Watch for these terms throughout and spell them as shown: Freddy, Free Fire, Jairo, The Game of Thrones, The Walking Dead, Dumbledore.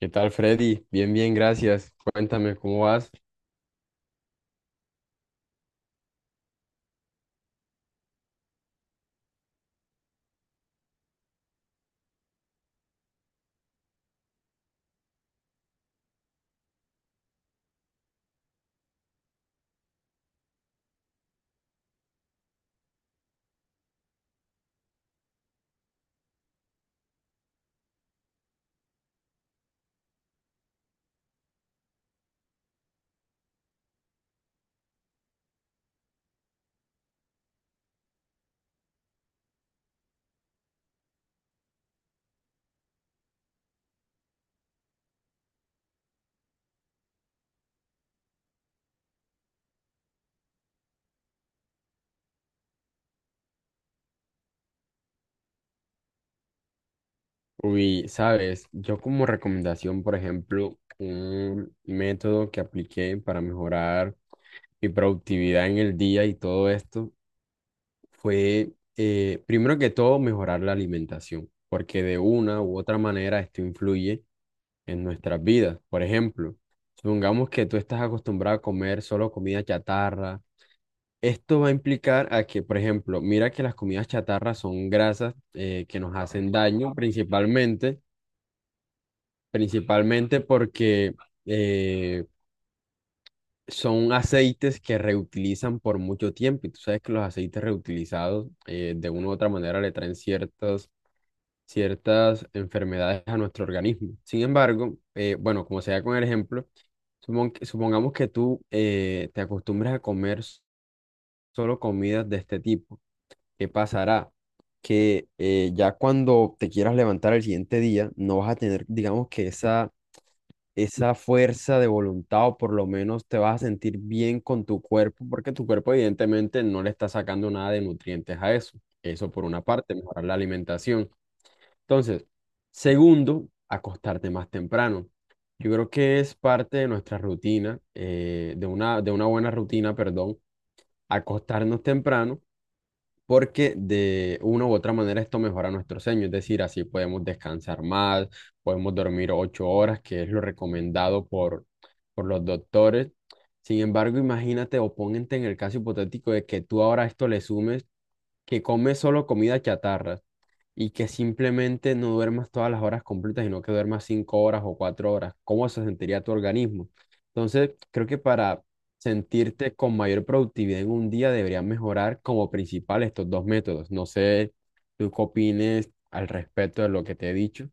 ¿Qué tal, Freddy? Bien, bien, gracias. Cuéntame, ¿cómo vas? Uy, sabes, yo como recomendación, por ejemplo, un método que apliqué para mejorar mi productividad en el día y todo esto fue, primero que todo, mejorar la alimentación, porque de una u otra manera esto influye en nuestras vidas. Por ejemplo, supongamos que tú estás acostumbrado a comer solo comida chatarra. Esto va a implicar a que, por ejemplo, mira que las comidas chatarra son grasas que nos hacen daño principalmente, principalmente porque eh, son aceites que reutilizan por mucho tiempo. Y tú sabes que los aceites reutilizados de una u otra manera le traen ciertas enfermedades a nuestro organismo. Sin embargo, bueno, como sea con el ejemplo, supongamos que tú te acostumbras a comer solo comidas de este tipo. ¿Qué pasará? Que ya cuando te quieras levantar al siguiente día, no vas a tener, digamos que esa fuerza de voluntad o por lo menos te vas a sentir bien con tu cuerpo, porque tu cuerpo evidentemente no le está sacando nada de nutrientes a eso. Eso por una parte, mejorar la alimentación. Entonces, segundo, acostarte más temprano. Yo creo que es parte de nuestra rutina, de una buena rutina, perdón, acostarnos temprano porque de una u otra manera esto mejora nuestro sueño, es decir, así podemos descansar más, podemos dormir 8 horas, que es lo recomendado por los doctores. Sin embargo, imagínate o ponente en el caso hipotético de que tú ahora a esto le sumes que comes solo comida chatarra y que simplemente no duermas todas las horas completas, sino que duermas 5 horas o 4 horas. ¿Cómo se sentiría tu organismo? Entonces, creo que para sentirte con mayor productividad en un día debería mejorar como principal estos dos métodos. No sé, tú qué opines al respecto de lo que te he dicho.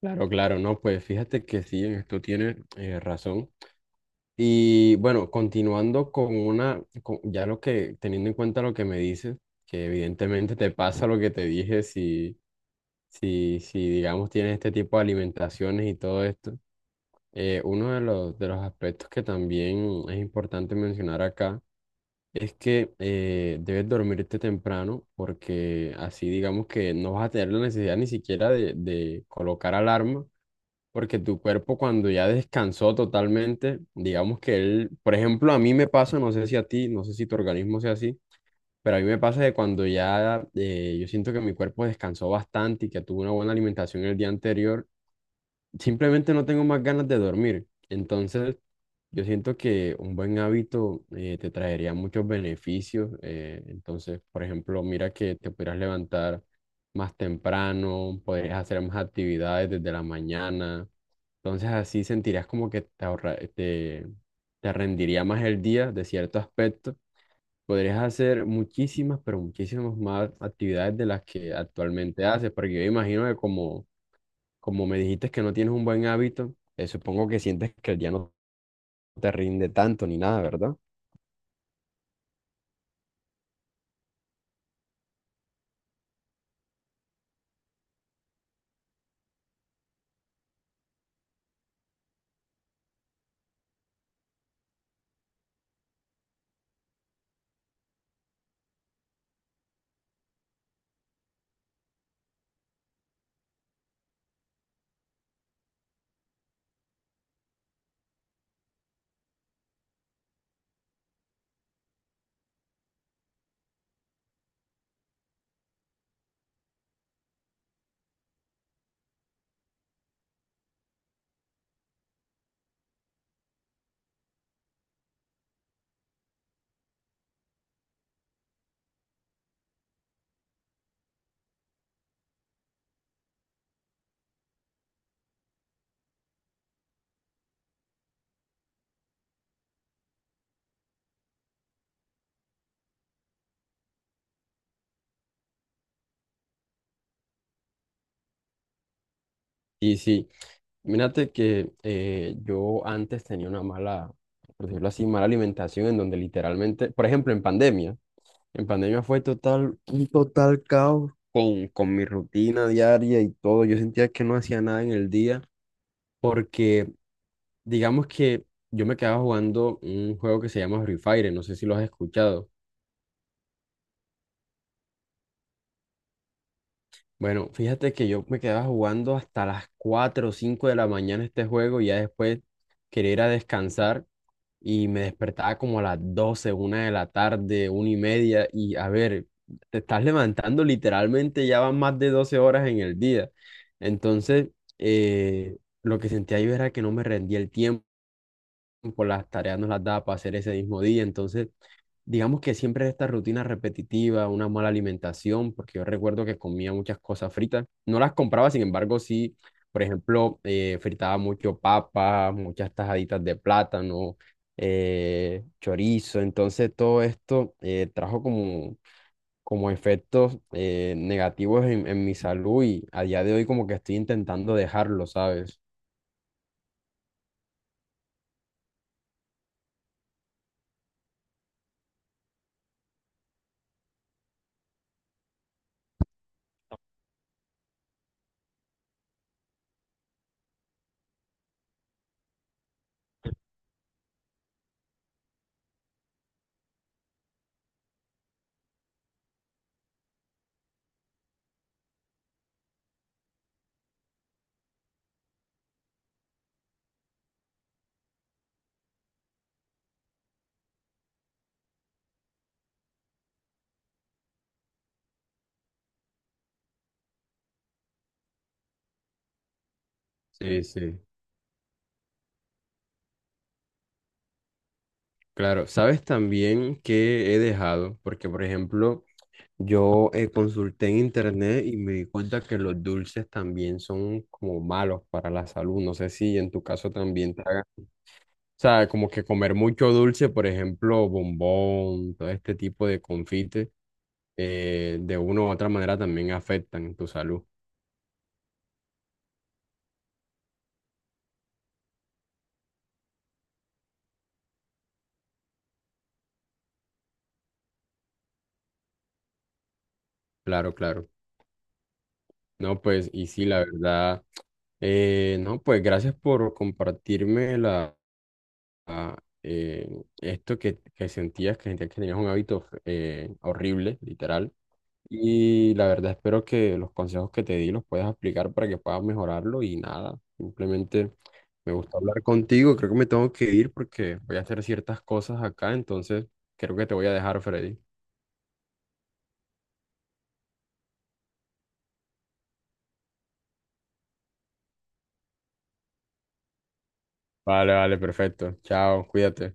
Claro, claro, no, pues fíjate que sí, en esto tienes razón. Y bueno, continuando ya lo que, teniendo en cuenta lo que me dices, que evidentemente te pasa lo que te dije si digamos, tienes este tipo de alimentaciones y todo esto. Uno de los aspectos que también es importante mencionar acá es que debes dormirte temprano porque así digamos que no vas a tener la necesidad ni siquiera de colocar alarma porque tu cuerpo cuando ya descansó totalmente, digamos que él, por ejemplo, a mí me pasa, no sé si a ti, no sé si tu organismo sea así, pero a mí me pasa de cuando ya yo siento que mi cuerpo descansó bastante y que tuvo una buena alimentación el día anterior, simplemente no tengo más ganas de dormir. Entonces. Yo siento que un buen hábito te traería muchos beneficios. Entonces, por ejemplo, mira que te pudieras levantar más temprano, podrías hacer más actividades desde la mañana. Entonces, así sentirías como que te rendiría más el día de cierto aspecto. Podrías hacer muchísimas, pero muchísimas más actividades de las que actualmente haces, porque yo imagino que como me dijiste que no tienes un buen hábito, supongo que sientes que el día no te rinde tanto ni nada, ¿verdad? Y sí, mírate que yo antes tenía una mala, por decirlo así, mala alimentación en donde literalmente, por ejemplo, en pandemia fue total, un total caos con mi rutina diaria y todo. Yo sentía que no hacía nada en el día porque, digamos que yo me quedaba jugando un juego que se llama Free Fire, no sé si lo has escuchado. Bueno, fíjate que yo me quedaba jugando hasta las 4 o 5 de la mañana este juego y ya después quería ir a descansar y me despertaba como a las 12 1 de la tarde, 1:30, y a ver, te estás levantando literalmente, ya van más de 12 horas en el día. Entonces, eh, lo que sentía yo era que no me rendía el tiempo, las tareas no las daba para hacer ese mismo día, entonces digamos que siempre esta rutina repetitiva, una mala alimentación, porque yo recuerdo que comía muchas cosas fritas. No las compraba, sin embargo, sí, por ejemplo, fritaba mucho papas muchas tajaditas de plátano, chorizo. Entonces, todo esto trajo como, como efectos negativos en mi salud y a día de hoy como que estoy intentando dejarlo, ¿sabes? Sí, sí. Claro, sabes también que he dejado, porque por ejemplo, yo consulté en internet y me di cuenta que los dulces también son como malos para la salud. No sé si en tu caso también te hagan. O sea, como que comer mucho dulce, por ejemplo, bombón, todo este tipo de confites, de una u otra manera también afectan tu salud. Claro, claro. No, pues, y sí, la verdad. No, pues gracias por compartirme la, eh, esto que sentías que tenías un hábito horrible, literal. Y la verdad espero que los consejos que te di los puedas aplicar para que puedas mejorarlo y nada, simplemente me gusta hablar contigo, creo que me tengo que ir porque voy a hacer ciertas cosas acá, entonces creo que te voy a dejar, Freddy. Vale, vale, perfecto. Chao, cuídate.